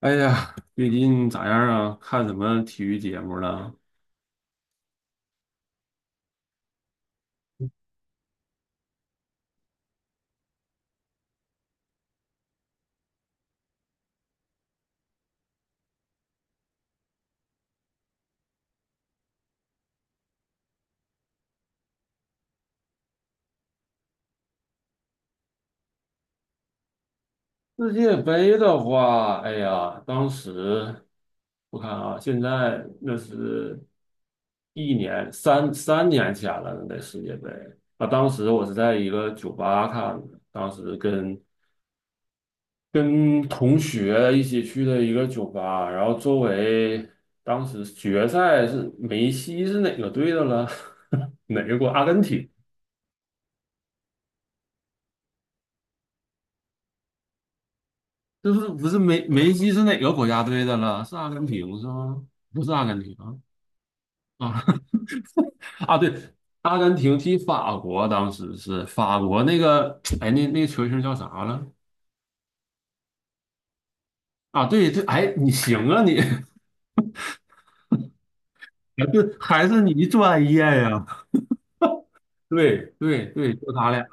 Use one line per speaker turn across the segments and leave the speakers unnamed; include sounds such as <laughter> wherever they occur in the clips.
哎呀，最近咋样啊？看什么体育节目了？世界杯的话，哎呀，当时我看啊，现在那是一年三年前了，那世界杯啊，当时我是在一个酒吧看的，当时跟同学一起去的一个酒吧，然后周围当时决赛是梅西是哪个队的了？<laughs> 哪个国？阿根廷。就是不是梅西是哪个国家队的了？是阿根廷是吗？不是阿根廷啊啊 <laughs> 啊！对，阿根廷踢法国，当时是法国那个哎，那球星叫啥了？啊，对对，哎，你行啊你，<laughs> 啊对，还是你专业呀？对对对，就他俩。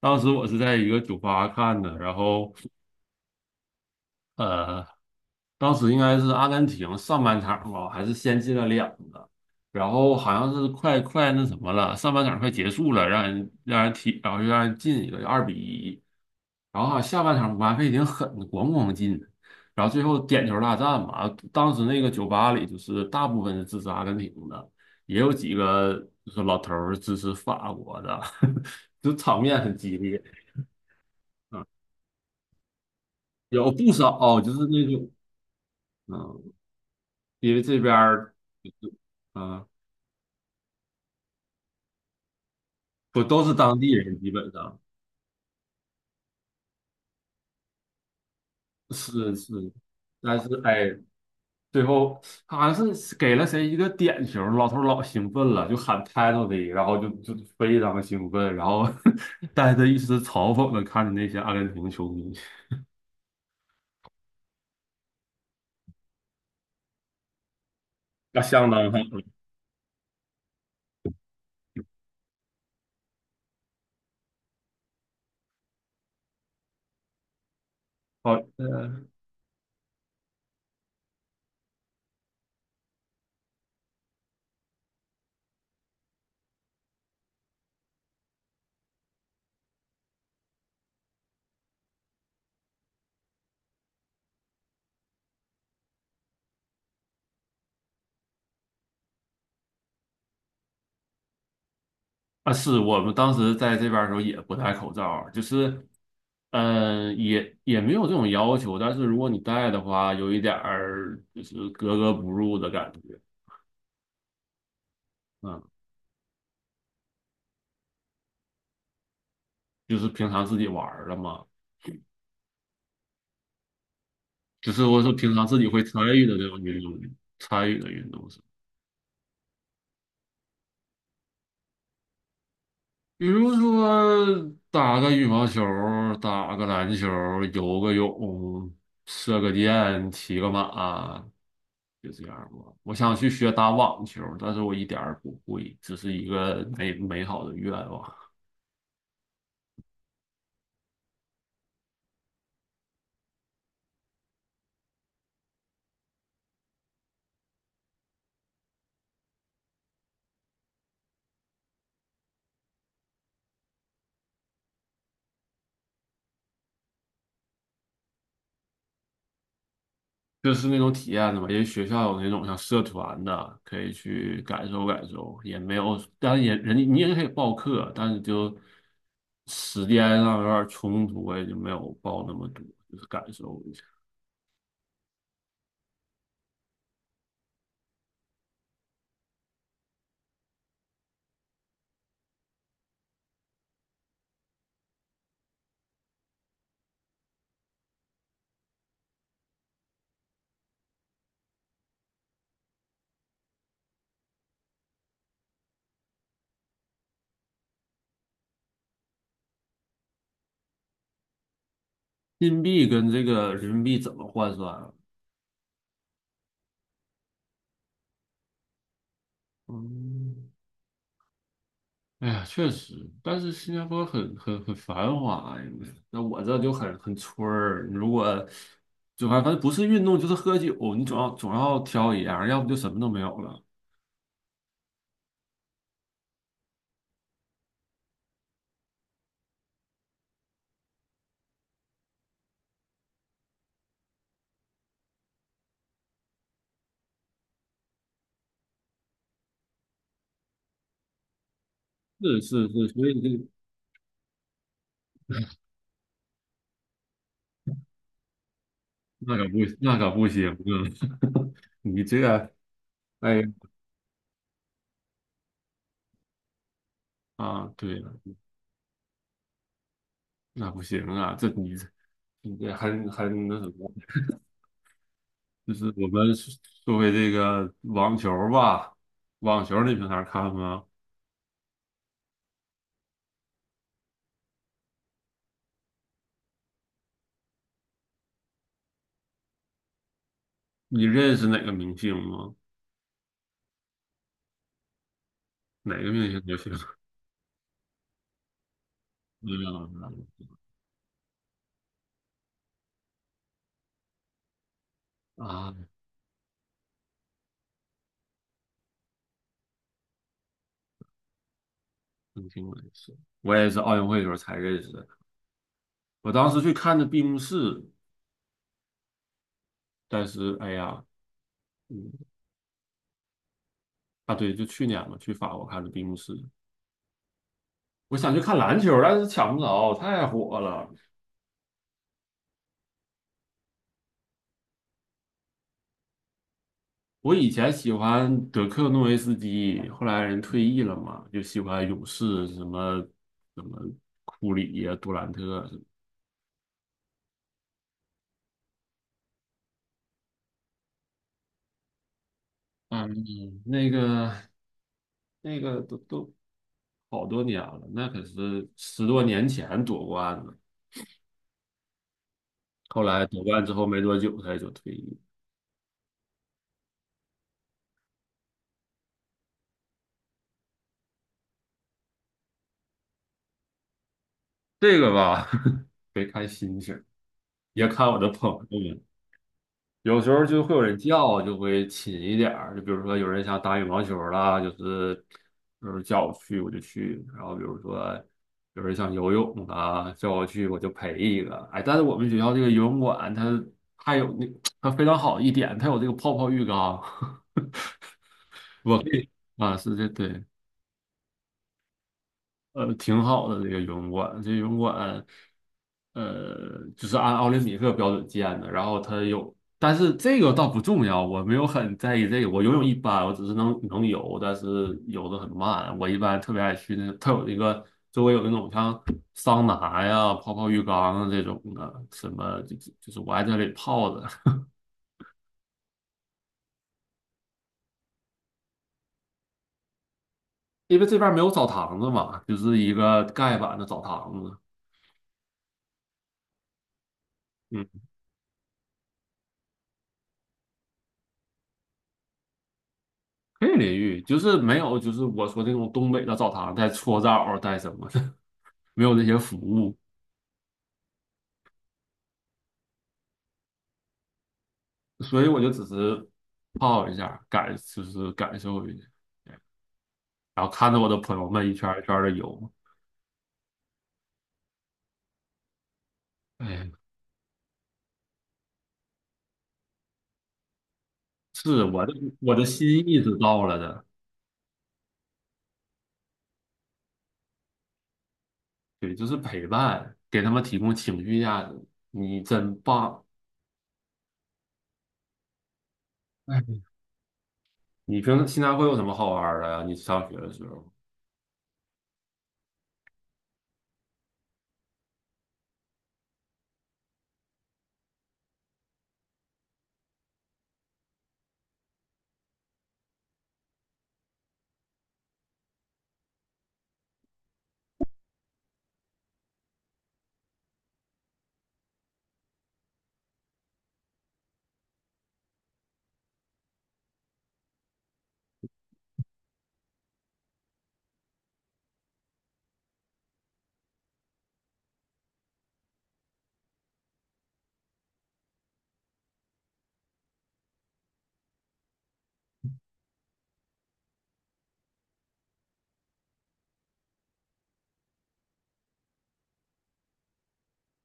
当时我是在一个酒吧看的，然后呃，当时应该是阿根廷上半场吧，还是先进了两个，然后好像是快那什么了，上半场快结束了，让人踢，然后又让人进一个2:1，然后好像下半场姆巴佩挺狠的，咣咣进，然后最后点球大战嘛，当时那个酒吧里就是大部分是支持阿根廷的，也有几个就是老头儿支持法国的，<laughs> 就场面很激烈，有不少就是那种。嗯，因为这边儿啊，不都是当地人，基本上是是，但是哎，最后好像是给了谁一个点球，老头儿老兴奋了，就喊 title 的，然后就非常兴奋，然后 <laughs> 带着一丝嘲讽的看着那些阿根廷球迷，那相当好。好，呃，啊，是我们当时在这边儿的时候也不戴口罩儿，就是嗯，也没有这种要求，但是如果你带的话，有一点儿就是格格不入的感觉。嗯，就是平常自己玩儿的嘛，就是我说平常自己会参与的这种运动，参与的运动是，比如说打个羽毛球儿打个篮球儿游个泳，射个箭，骑个马，就这样儿吧。我想去学打网球儿但是我一点儿不会，只是一个美好的愿望。就是那种体验的嘛，因为学校有那种像社团的，可以去感受感受，也没有，当然也人家你也可以报课，但是就时间上有点冲突，我也就没有报那么多，就是感受一下。硬币跟这个人民币怎么换算啊？嗯，哎呀，确实，但是新加坡很繁华呀，那我这就很村儿。如果就反正不是运动就是喝酒，你总要挑一样，要不就什么都没有了。是是是，所以这那可不那可不行啊！<laughs> 你这个哎啊，对了，那不行啊，这你这很那什么，就是我们作为这个网球吧，网球你平常看吗？你认识哪个明星吗？哪个明星就行。没有没有啊，明星我也是，我也是奥运会的时候才认识的。我当时去看的闭幕式，但是哎呀，嗯啊对，就去年嘛，去法国看的闭幕式。我想去看篮球，但是抢不着，太火了。我以前喜欢德克诺维斯基，后来人退役了嘛，就喜欢勇士什么什么库里呀、杜兰特啊什么。嗯，那个都好多年了，那可是10多年前夺冠的，后来夺冠之后没多久他也就退役。这个吧，<laughs> 别看心情，也看我的朋友们。有时候就会有人叫，就会勤一点儿。就比如说有人想打羽毛球儿啦，就是叫我去我就去。然后比如说有人想游泳啊，叫我去我就陪一个。哎，但是我们学校这个游泳馆它还有那它非常好一点，它有这个泡泡浴缸。<laughs> 我可以啊，是这对。挺好的这个游泳馆，这游泳馆，就是按奥林匹克标准建的。然后它有，但是这个倒不重要，我没有很在意这个。我游泳一般，我只是能游，但是游的很慢。我一般特别爱去那个，它有一个周围有那种像桑拿呀、泡泡浴缸啊这种的，什么就是我爱在这里泡着，<laughs> 因为这边没有澡堂子嘛，就是一个盖板的澡堂子。嗯。可以淋浴，就是没有，就是我说那种东北的澡堂带搓澡带什么的，<laughs> 没有这些服务，所以我就只是泡一下，就是感受一下，对，然后看着我的朋友们一圈儿一圈的游，哎是我的心意是到了的，对，就是陪伴，给他们提供情绪价值，你真棒。哎，你平时现在会有什么好玩儿的呀？你上学的时候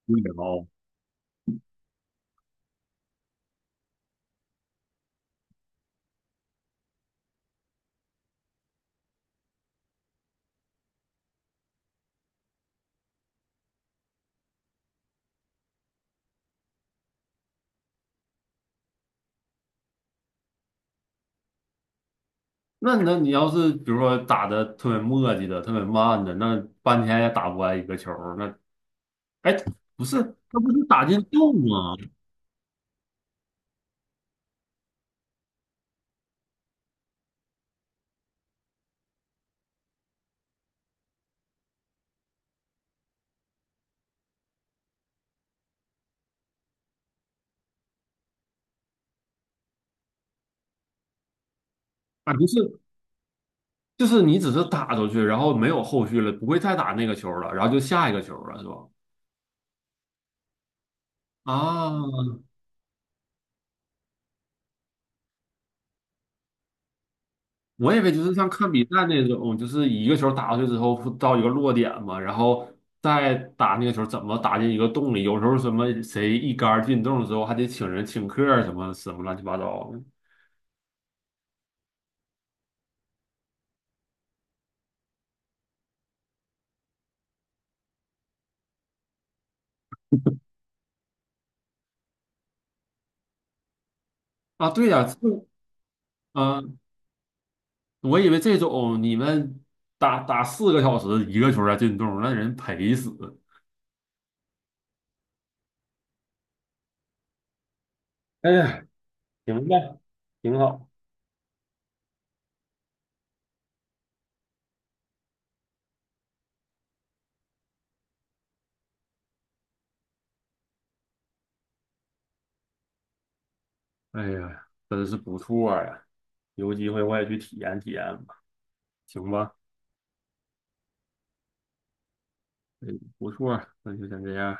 无聊那你要是比如说打的特别磨叽的、特别慢的，那半天也打不完一个球儿。那哎，不是，那不是打进洞吗？啊，不是，就是你只是打出去，然后没有后续了，不会再打那个球儿了，然后就下一个球儿了，是吧？啊，我以为就是像看比赛那种，就是一个球打过去之后不到一个落点嘛，然后再打那个球怎么打进一个洞里？有时候什么谁一杆儿进洞之后，还得请人请客儿什么什么乱七八糟的啊。对呀、这。啊，我以为这种你们打4个小时一个球才进洞，那人赔死。哎呀，行吧，挺好。哎呀，真是不错呀！有机会我也去体验体验吧，行吧？哎，不错，那就先这样。